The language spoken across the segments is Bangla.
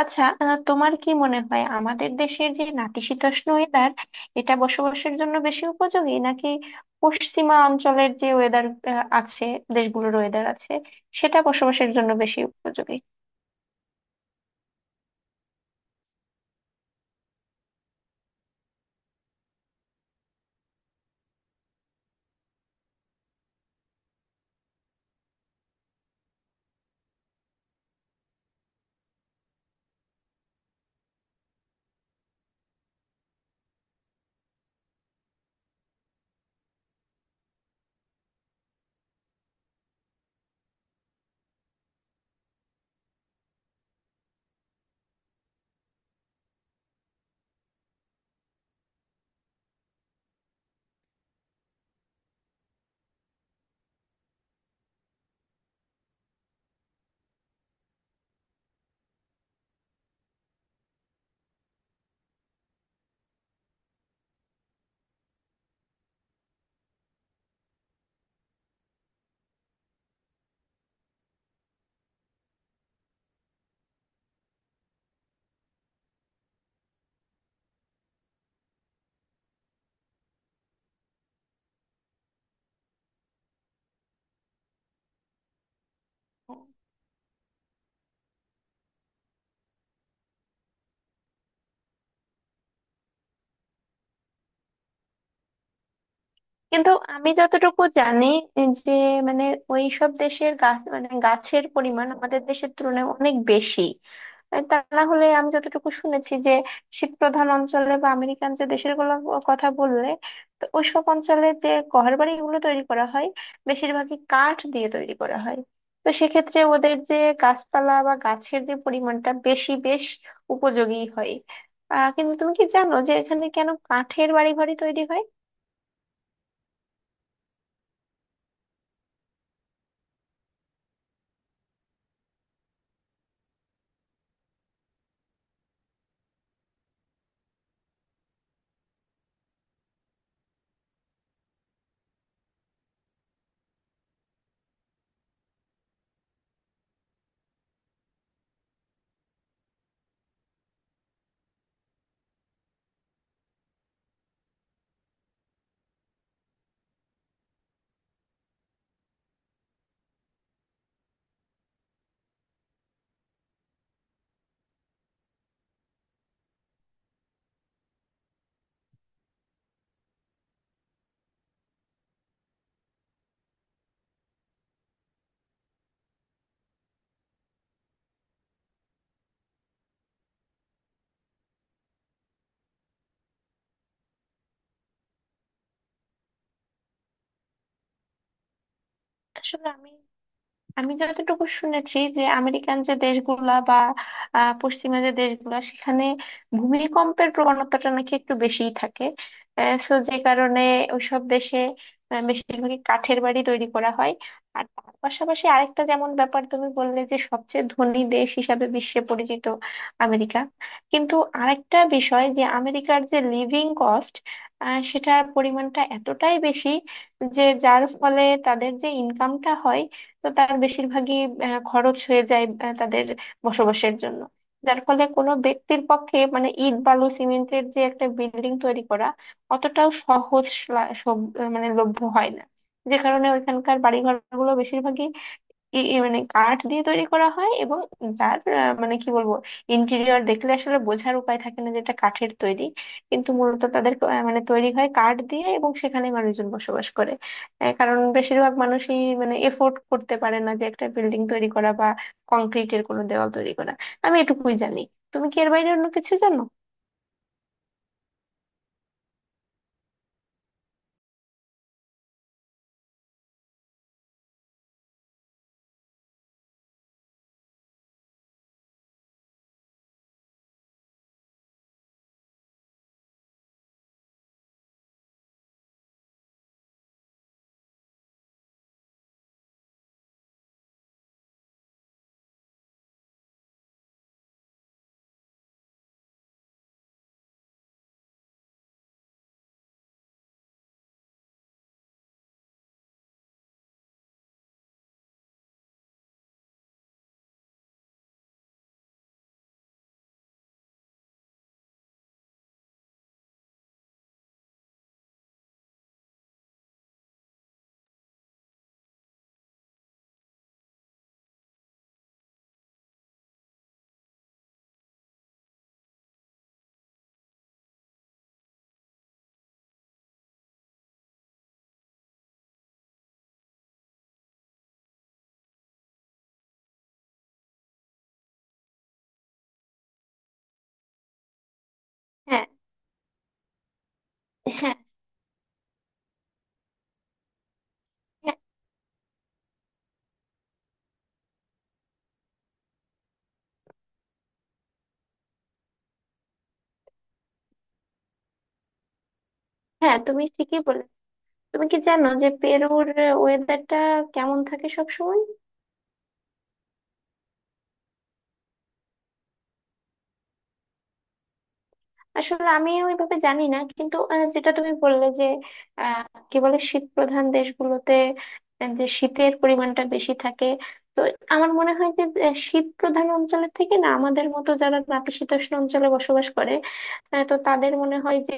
আচ্ছা, তোমার কি মনে হয় আমাদের দেশের যে নাতিশীতোষ্ণ ওয়েদার এটা বসবাসের জন্য বেশি উপযোগী, নাকি পশ্চিমা অঞ্চলের যে ওয়েদার আছে, দেশগুলোর ওয়েদার আছে, সেটা বসবাসের জন্য বেশি উপযোগী? কিন্তু আমি যতটুকু জানি যে, মানে, ওই সব দেশের গাছ, মানে গাছের পরিমাণ আমাদের দেশের তুলনায় অনেক বেশি। তা না হলে আমি যতটুকু শুনেছি যে, শীত প্রধান অঞ্চলে বা আমেরিকান যে দেশের গুলো কথা বললে, তো ওইসব অঞ্চলে যে ঘর বাড়িগুলো তৈরি করা হয়, বেশিরভাগই কাঠ দিয়ে তৈরি করা হয়। তো সেক্ষেত্রে ওদের যে গাছপালা বা গাছের যে পরিমাণটা বেশি, বেশ উপযোগী হয়। কিন্তু তুমি কি জানো যে এখানে কেন কাঠের বাড়ি ঘরই তৈরি হয়? আসলে আমি আমি যতটুকু শুনেছি যে, আমেরিকান যে দেশগুলা বা পশ্চিমা যে দেশগুলা, সেখানে ভূমিকম্পের প্রবণতাটা নাকি একটু বেশিই থাকে। সো যে কারণে ওইসব দেশে বেশিরভাগই কাঠের বাড়ি তৈরি করা হয়। আর তার পাশাপাশি আরেকটা যেমন ব্যাপার তুমি বললে যে, সবচেয়ে ধনী দেশ হিসাবে বিশ্বে পরিচিত আমেরিকা। কিন্তু আরেকটা বিষয় যে আমেরিকার যে লিভিং কস্ট, সেটার পরিমাণটা এতটাই বেশি যে যার ফলে তাদের যে ইনকামটা হয়, তো তার বেশিরভাগই খরচ হয়ে যায় তাদের বসবাসের জন্য। যার ফলে কোনো ব্যক্তির পক্ষে, মানে, ইট বালু সিমেন্টের যে একটা বিল্ডিং তৈরি করা, অতটাও সহজ মানে লভ্য হয় না। যে কারণে ওইখানকার বাড়িঘর গুলো বেশিরভাগই ই- ই মানে কাঠ দিয়ে তৈরি করা হয়। এবং যার মানে, কি বলবো, ইন্টেরিয়র দেখলে আসলে বোঝার উপায় থাকে না যে এটা কাঠের তৈরি, কিন্তু মূলত তাদের মানে তৈরি হয় কাঠ দিয়ে এবং সেখানে মানুষজন বসবাস করে। কারণ বেশিরভাগ মানুষই মানে এফোর্ড করতে পারে না যে একটা বিল্ডিং তৈরি করা বা কংক্রিটের কোনো দেওয়াল তৈরি করা। আমি এটুকুই জানি। তুমি কি এর বাইরে অন্য কিছু জানো? হ্যাঁ। হ্যাঁ। হ্যাঁ। হ্যাঁ, তুমি ঠিকই বলে। তুমি কি জানো যে পেরুর ওয়েদারটা কেমন থাকে সব সময়? আসলে আমি ওইভাবে জানি না, কিন্তু যেটা তুমি বললে যে, আহ, কি বলে, শীত প্রধান দেশগুলোতে যে শীতের পরিমাণটা বেশি থাকে, তো আমার মনে হয় যে শীত প্রধান অঞ্চলের থেকে না আমাদের মতো যারা নাতিশীতোষ্ণ অঞ্চলে বসবাস করে, তো তাদের মনে হয় যে,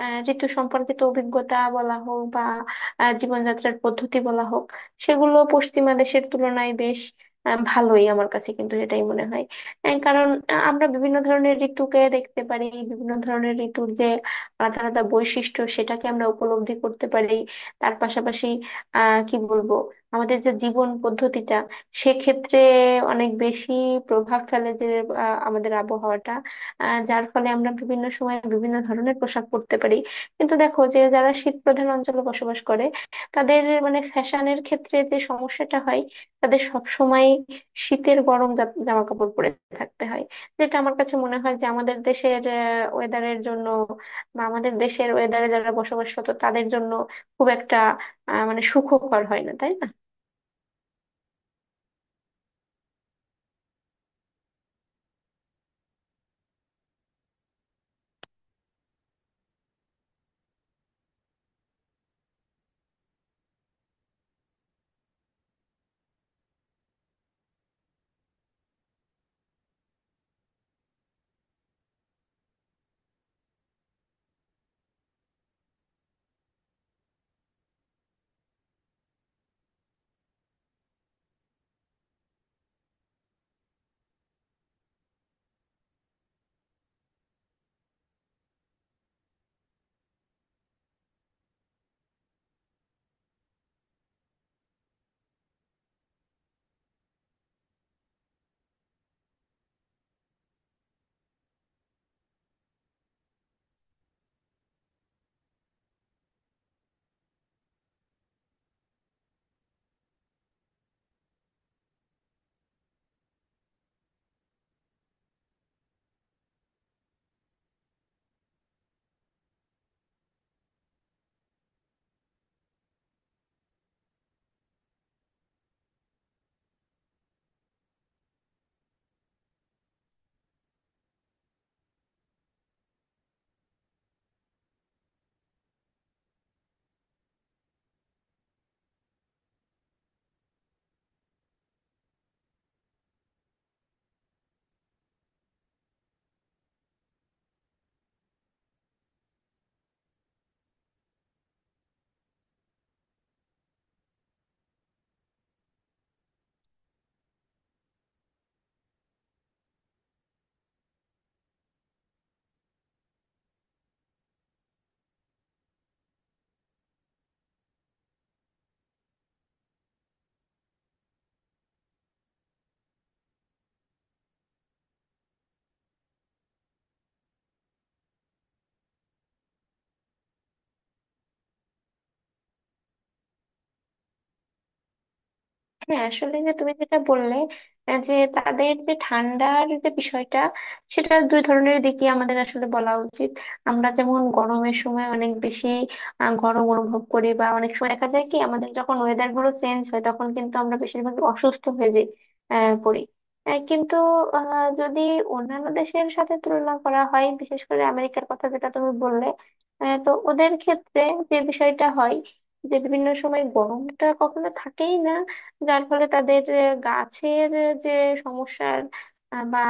ঋতু সম্পর্কিত অভিজ্ঞতা বলা হোক বা জীবনযাত্রার পদ্ধতি বলা হোক, সেগুলো পশ্চিমা দেশের তুলনায় বেশ ভালোই, আমার কাছে কিন্তু এটাই মনে হয়। কারণ আমরা বিভিন্ন ধরনের ঋতুকে দেখতে পারি, বিভিন্ন ধরনের ঋতুর যে আলাদা আলাদা বৈশিষ্ট্য সেটাকে আমরা উপলব্ধি করতে পারি। তার পাশাপাশি, কি বলবো, আমাদের যে জীবন পদ্ধতিটা, সেক্ষেত্রে অনেক বেশি প্রভাব ফেলে যে আমাদের আবহাওয়াটা, যার ফলে আমরা বিভিন্ন সময় বিভিন্ন ধরনের পোশাক পরতে পারি। কিন্তু দেখো, যে যারা শীত প্রধান অঞ্চলে বসবাস করে, তাদের মানে ফ্যাশনের ক্ষেত্রে যে সমস্যাটা হয়, তাদের সব শীতের গরম জামা কাপড় পরে থাকতে হয়। যেটা আমার কাছে মনে হয় যে আমাদের দেশের ওয়েদারের জন্য বা আমাদের দেশের ওয়েদারে যারা বসবাসরত তাদের জন্য খুব একটা মানে সুখকর হয় না, তাই না? হ্যাঁ, আসলে যে তুমি যেটা বললে, যে তাদের যে ঠান্ডার যে বিষয়টা, সেটা দুই ধরনের দিকই আমাদের আসলে বলা উচিত। আমরা যেমন গরমের সময় অনেক বেশি গরম অনুভব করি, বা অনেক সময় দেখা যায় কি আমাদের যখন ওয়েদার গুলো চেঞ্জ হয় তখন কিন্তু আমরা বেশিরভাগ অসুস্থ হয়ে যাই, পড়ি। কিন্তু যদি অন্যান্য দেশের সাথে তুলনা করা হয়, বিশেষ করে আমেরিকার কথা যেটা তুমি বললে, তো ওদের ক্ষেত্রে যে বিষয়টা হয়, যে বিভিন্ন সময় গরমটা কখনো থাকেই না, যার ফলে তাদের গাছের যে সমস্যার আহ, বা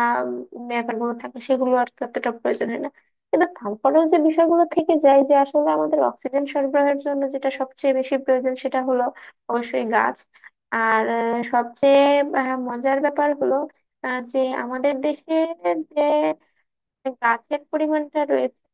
উম ব্যাপারগুলো থাকে, সেগুলো আর ততটা প্রয়োজন হয় না। কিন্তু তারপরেও যে বিষয়গুলো থেকে যায়, যে আসলে আমাদের অক্সিজেন সরবরাহের জন্য যেটা সবচেয়ে বেশি প্রয়োজন, সেটা হলো অবশ্যই গাছ। আর সবচেয়ে মজার ব্যাপার হলো, যে আমাদের দেশে যে গাছের পরিমাণটা রয়েছে,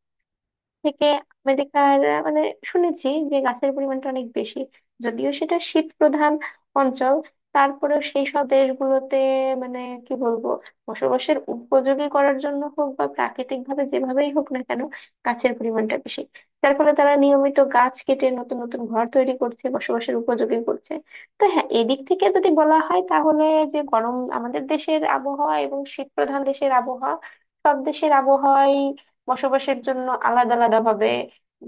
থেকে আমেরিকার মানে, শুনেছি যে গাছের পরিমাণটা অনেক বেশি। যদিও সেটা শীত প্রধান অঞ্চল, তারপরেও সেই সব দেশগুলোতে মানে, কি বলবো, বসবাসের উপযোগী করার জন্য হোক বা প্রাকৃতিক ভাবে, যেভাবেই হোক না কেন, গাছের পরিমাণটা বেশি। যার ফলে তারা নিয়মিত গাছ কেটে নতুন নতুন ঘর তৈরি করছে, বসবাসের উপযোগী করছে। তো হ্যাঁ, এদিক থেকে যদি বলা হয় তাহলে, যে গরম আমাদের দেশের আবহাওয়া এবং শীত প্রধান দেশের আবহাওয়া, সব দেশের আবহাওয়াই বসবাসের জন্য আলাদা আলাদা ভাবে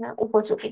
উপযোগী।